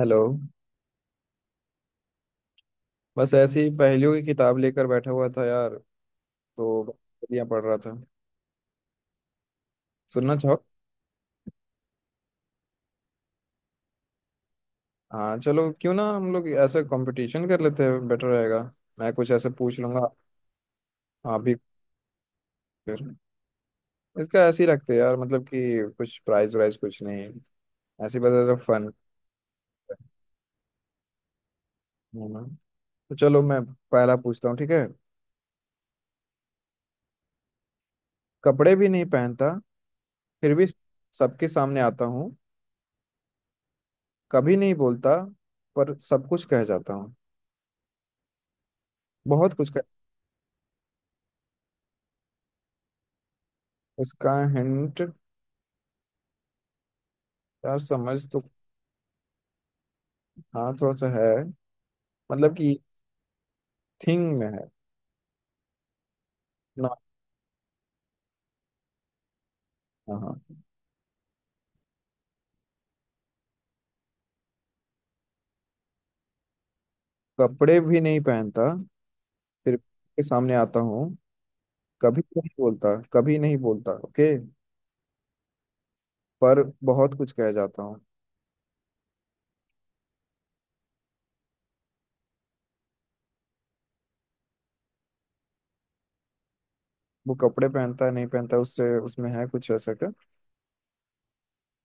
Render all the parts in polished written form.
Hello. बस ऐसे ही पहेलियों की किताब लेकर बैठा हुआ था यार। तो पहेलियाँ पढ़ रहा था। सुनना चाहो? हाँ चलो, क्यों ना हम लोग ऐसे कंपटीशन कर लेते हैं, बेटर रहेगा। मैं कुछ ऐसे पूछ लूंगा, आप भी। फिर इसका ऐसे ही रखते हैं यार, मतलब कि कुछ प्राइज वाइज कुछ नहीं, ऐसे ही बस फन। तो चलो मैं पहला पूछता हूँ, ठीक है? कपड़े भी नहीं पहनता, फिर भी सबके सामने आता हूँ। कभी नहीं बोलता पर सब कुछ कह जाता हूँ। बहुत कुछ कह। इसका हिंट यार, समझ तो। हाँ थोड़ा सा है। मतलब कि थिंग में है ना। हाँ हाँ। कपड़े भी नहीं पहनता, फिर के सामने आता हूँ। कभी नहीं बोलता, कभी नहीं बोलता। ओके। पर बहुत कुछ कह जाता हूँ। वो कपड़े पहनता है नहीं पहनता, उससे उसमें है कुछ ऐसा क्या?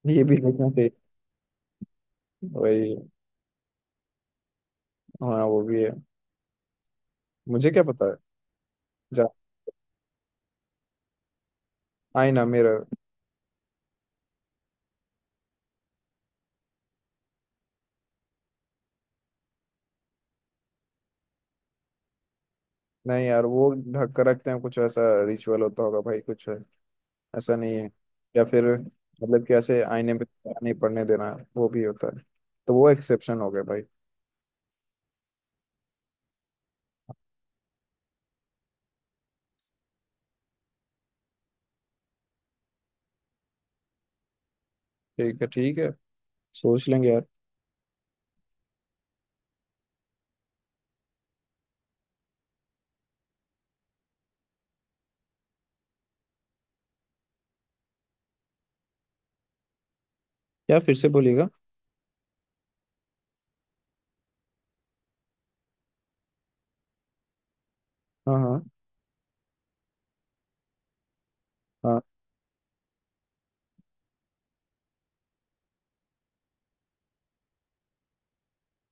ये भी देखना चाहिए। वही। हाँ वो भी है। मुझे क्या पता है। जा। आईना, मिरर। नहीं यार, वो ढक कर रखते हैं, कुछ ऐसा रिचुअल होता होगा भाई, कुछ है। ऐसा नहीं है। या फिर मतलब कि ऐसे आईने पे नहीं पड़ने देना, वो भी होता है। तो वो एक्सेप्शन हो गया भाई। ठीक है, ठीक है, सोच लेंगे यार। यार फिर से बोलिएगा। हाँ हाँ हाँ।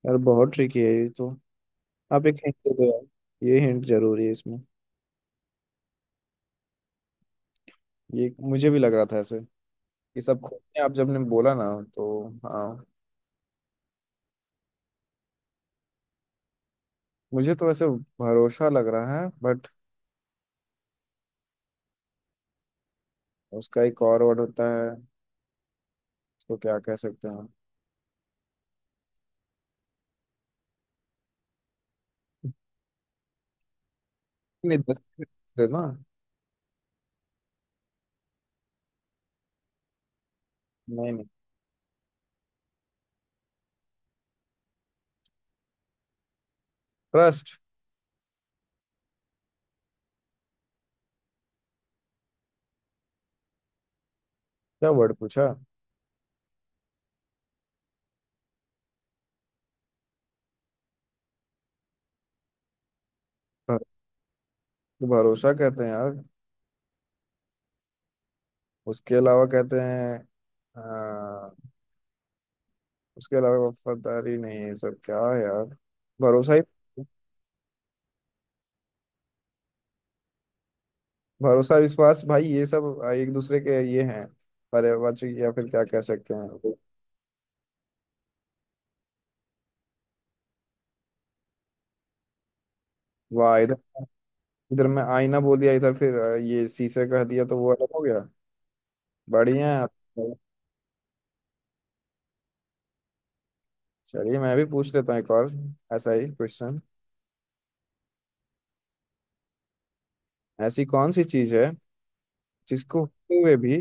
यार बहुत ट्रिकी है ये तो। आप एक हिंट दे दो यार, ये हिंट जरूरी है इसमें। ये मुझे भी लग रहा था ऐसे, ये सब खुद ने आप जब ने बोला ना। तो हाँ। मुझे तो ऐसे भरोसा लग रहा है, बट उसका एक और वर्ड होता है, उसको क्या कह सकते हैं? नहीं, 10 मिनट दे ना नहीं नहीं। ट्रस्ट। क्या वर्ड पूछा? भर- भरोसा कहते हैं यार। उसके अलावा कहते हैं अ, उसके अलावा वफादारी नहीं है, सब क्या है यार, भरोसा ही। भरोसा विश्वास, भाई ये सब एक दूसरे के ये हैं, पर्यायवाची, या फिर क्या कह सकते हैं। वाह। इधर इधर मैं आईना बोल दिया, इधर फिर ये शीशे कह दिया तो वो अलग हो गया। बढ़िया है आप। चलिए मैं भी पूछ लेता हूँ एक और ऐसा ही क्वेश्चन। ऐसी कौन सी चीज है जिसको होते हुए भी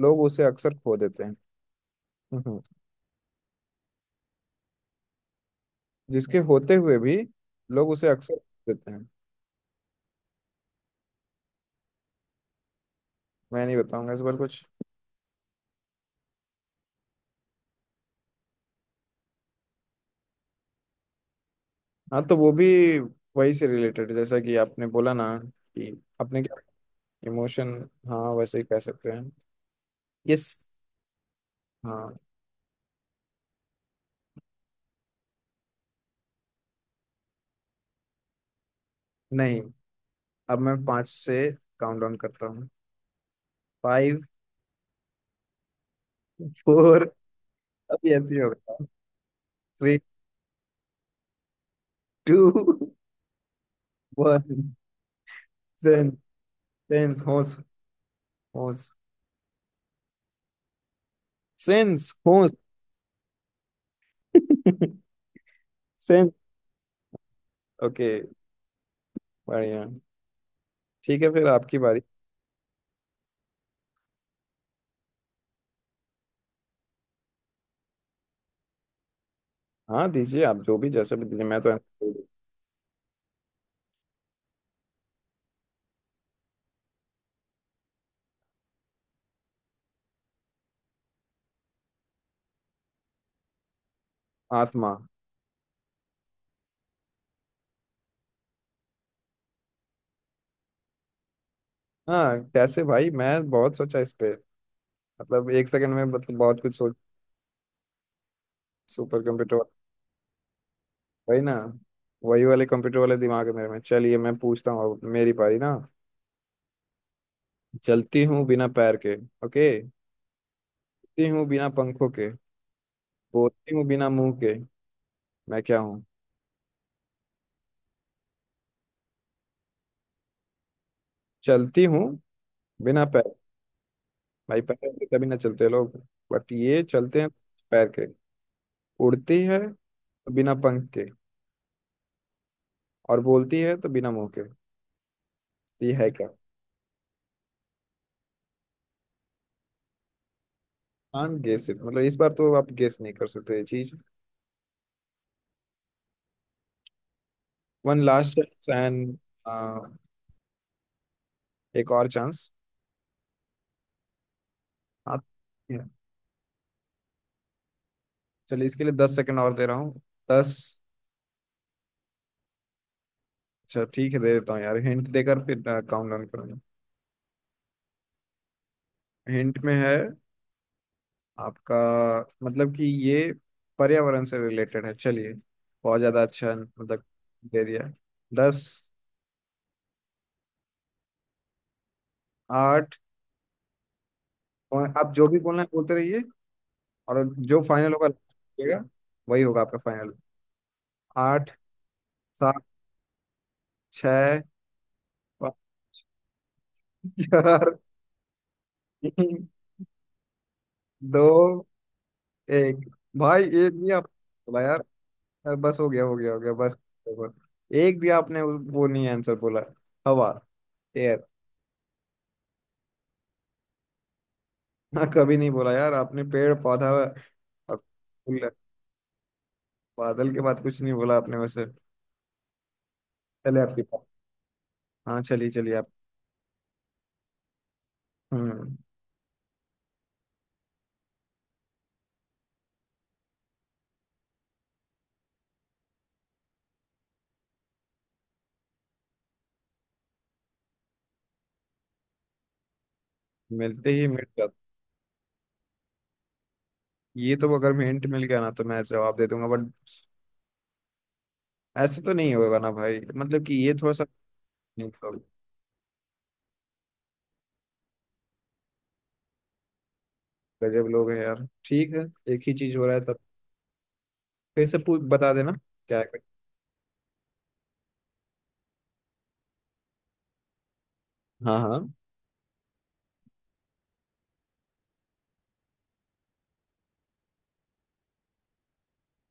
लोग उसे अक्सर खो देते हैं? जिसके होते हुए भी लोग उसे अक्सर देते हैं। मैं नहीं बताऊंगा इस बार कुछ। हाँ तो वो भी वही से रिलेटेड, जैसा कि आपने बोला ना कि अपने क्या, इमोशन। हाँ वैसे ही कह सकते हैं। यस। हाँ। नहीं, अब मैं पाँच से काउंट डाउन करता हूँ। फाइव। फोर। अब ऐसे ही होगा। Three. Two. One. Sense. Sense होश। होश। सेंस होश। सेंस। ओके। बढ़िया। ठीक है, फिर आपकी बारी। हाँ दीजिए आप, जो भी जैसे भी दीजिए मैं तो। आत्मा। हाँ कैसे भाई, मैं बहुत सोचा इस पे, मतलब 1 सेकंड में मतलब बहुत कुछ सोच। Super computer. वही ना, वही वाले कंप्यूटर वाले दिमाग है मेरे में। चलिए मैं पूछता हूँ अब, मेरी पारी ना। चलती हूँ बिना पैर के। ओके। उड़ती हूँ बिना पंखों के। बोलती हूँ बिना मुंह के। मैं क्या हूँ? चलती हूँ बिना पैर। भाई पैर के तभी ना चलते लोग, बट ये चलते हैं पैर के। उड़ती है तो बिना पंख के, और बोलती है तो बिना मुंह के। तो ये है क्या? कांट गेस इट, मतलब इस बार तो आप गेस नहीं कर सकते ये चीज। One last chance and. एक और चांस। हाँ। yeah। चलिए इसके लिए 10 सेकंड और दे रहा हूँ। दस। अच्छा ठीक है, दे देता हूँ यार हिंट देकर, फिर काउंट डाउन करूंगा। हिंट में है आपका, मतलब कि ये पर्यावरण से रिलेटेड है। चलिए, बहुत ज्यादा अच्छा मतलब दे दिया। दस। आठ, और आप जो भी बोलना है बोलते रहिए, और जो फाइनल होगा बोलिएगा, वही होगा आपका फाइनल। आठ। सात। छ। पाँच। चार। तीन। दो। एक। भाई एक भी आप बोला यार। यार बस, हो गया हो गया हो गया, बस। बस। एक भी आपने वो नहीं आंसर बोला। हवा, एयर। हाँ कभी नहीं बोला यार आपने, पेड़ पौधा और फूल। बादल के बाद कुछ नहीं बोला आपने वैसे। चले आपके पास। हाँ चलिए चलिए आप। हम्म। मिलते ही मिल जाते। ये तो अगर मैं हिंट मिल गया ना तो मैं जवाब दे दूंगा, बट ऐसे तो नहीं होगा ना भाई, मतलब कि ये थोड़ा सा नहीं होगा। गजब लोग है यार, ठीक है। एक ही चीज हो रहा है तब। फिर से पूछ, बता देना क्या है। हाँ हाँ।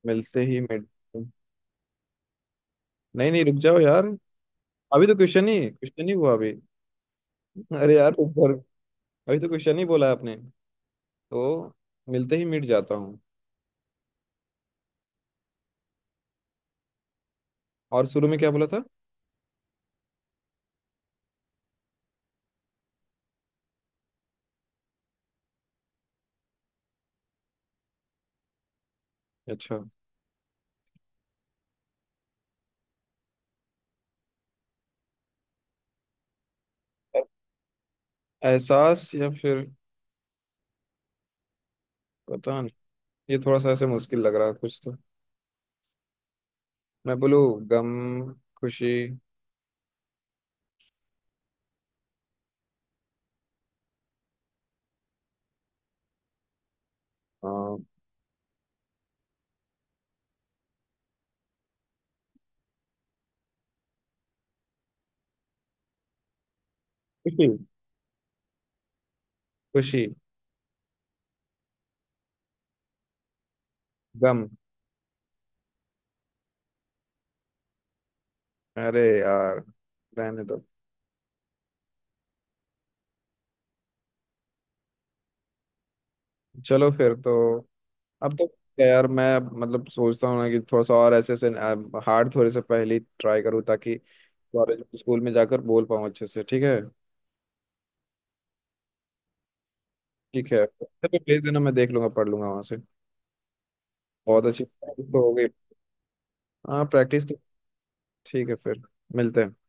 मिलते ही मिड। नहीं नहीं, रुक जाओ यार, अभी तो क्वेश्चन ही हुआ अभी। अरे यार ऊपर। अभी तो क्वेश्चन ही बोला आपने। तो मिलते ही मिट जाता हूँ, और शुरू में क्या बोला था? अच्छा। एहसास, या फिर पता नहीं। ये थोड़ा सा ऐसे मुश्किल लग रहा है कुछ तो। मैं बोलूँ। गम। खुशी। खुशी। खुशी। गम। अरे यार रहने दो। चलो फिर तो, अब तो। यार मैं मतलब सोचता हूँ ना कि थोड़ा सा और ऐसे ऐसे हार्ड थोड़े से पहले ट्राई करूँ, ताकि कॉलेज स्कूल में जाकर बोल पाऊँ अच्छे से, ठीक है? ठीक है। अच्छा, तो भेज देना, मैं देख लूंगा, पढ़ लूंगा वहाँ से। बहुत अच्छी प्रैक्टिस तो हो गई। हाँ, प्रैक्टिस तो। ठीक है फिर, मिलते हैं।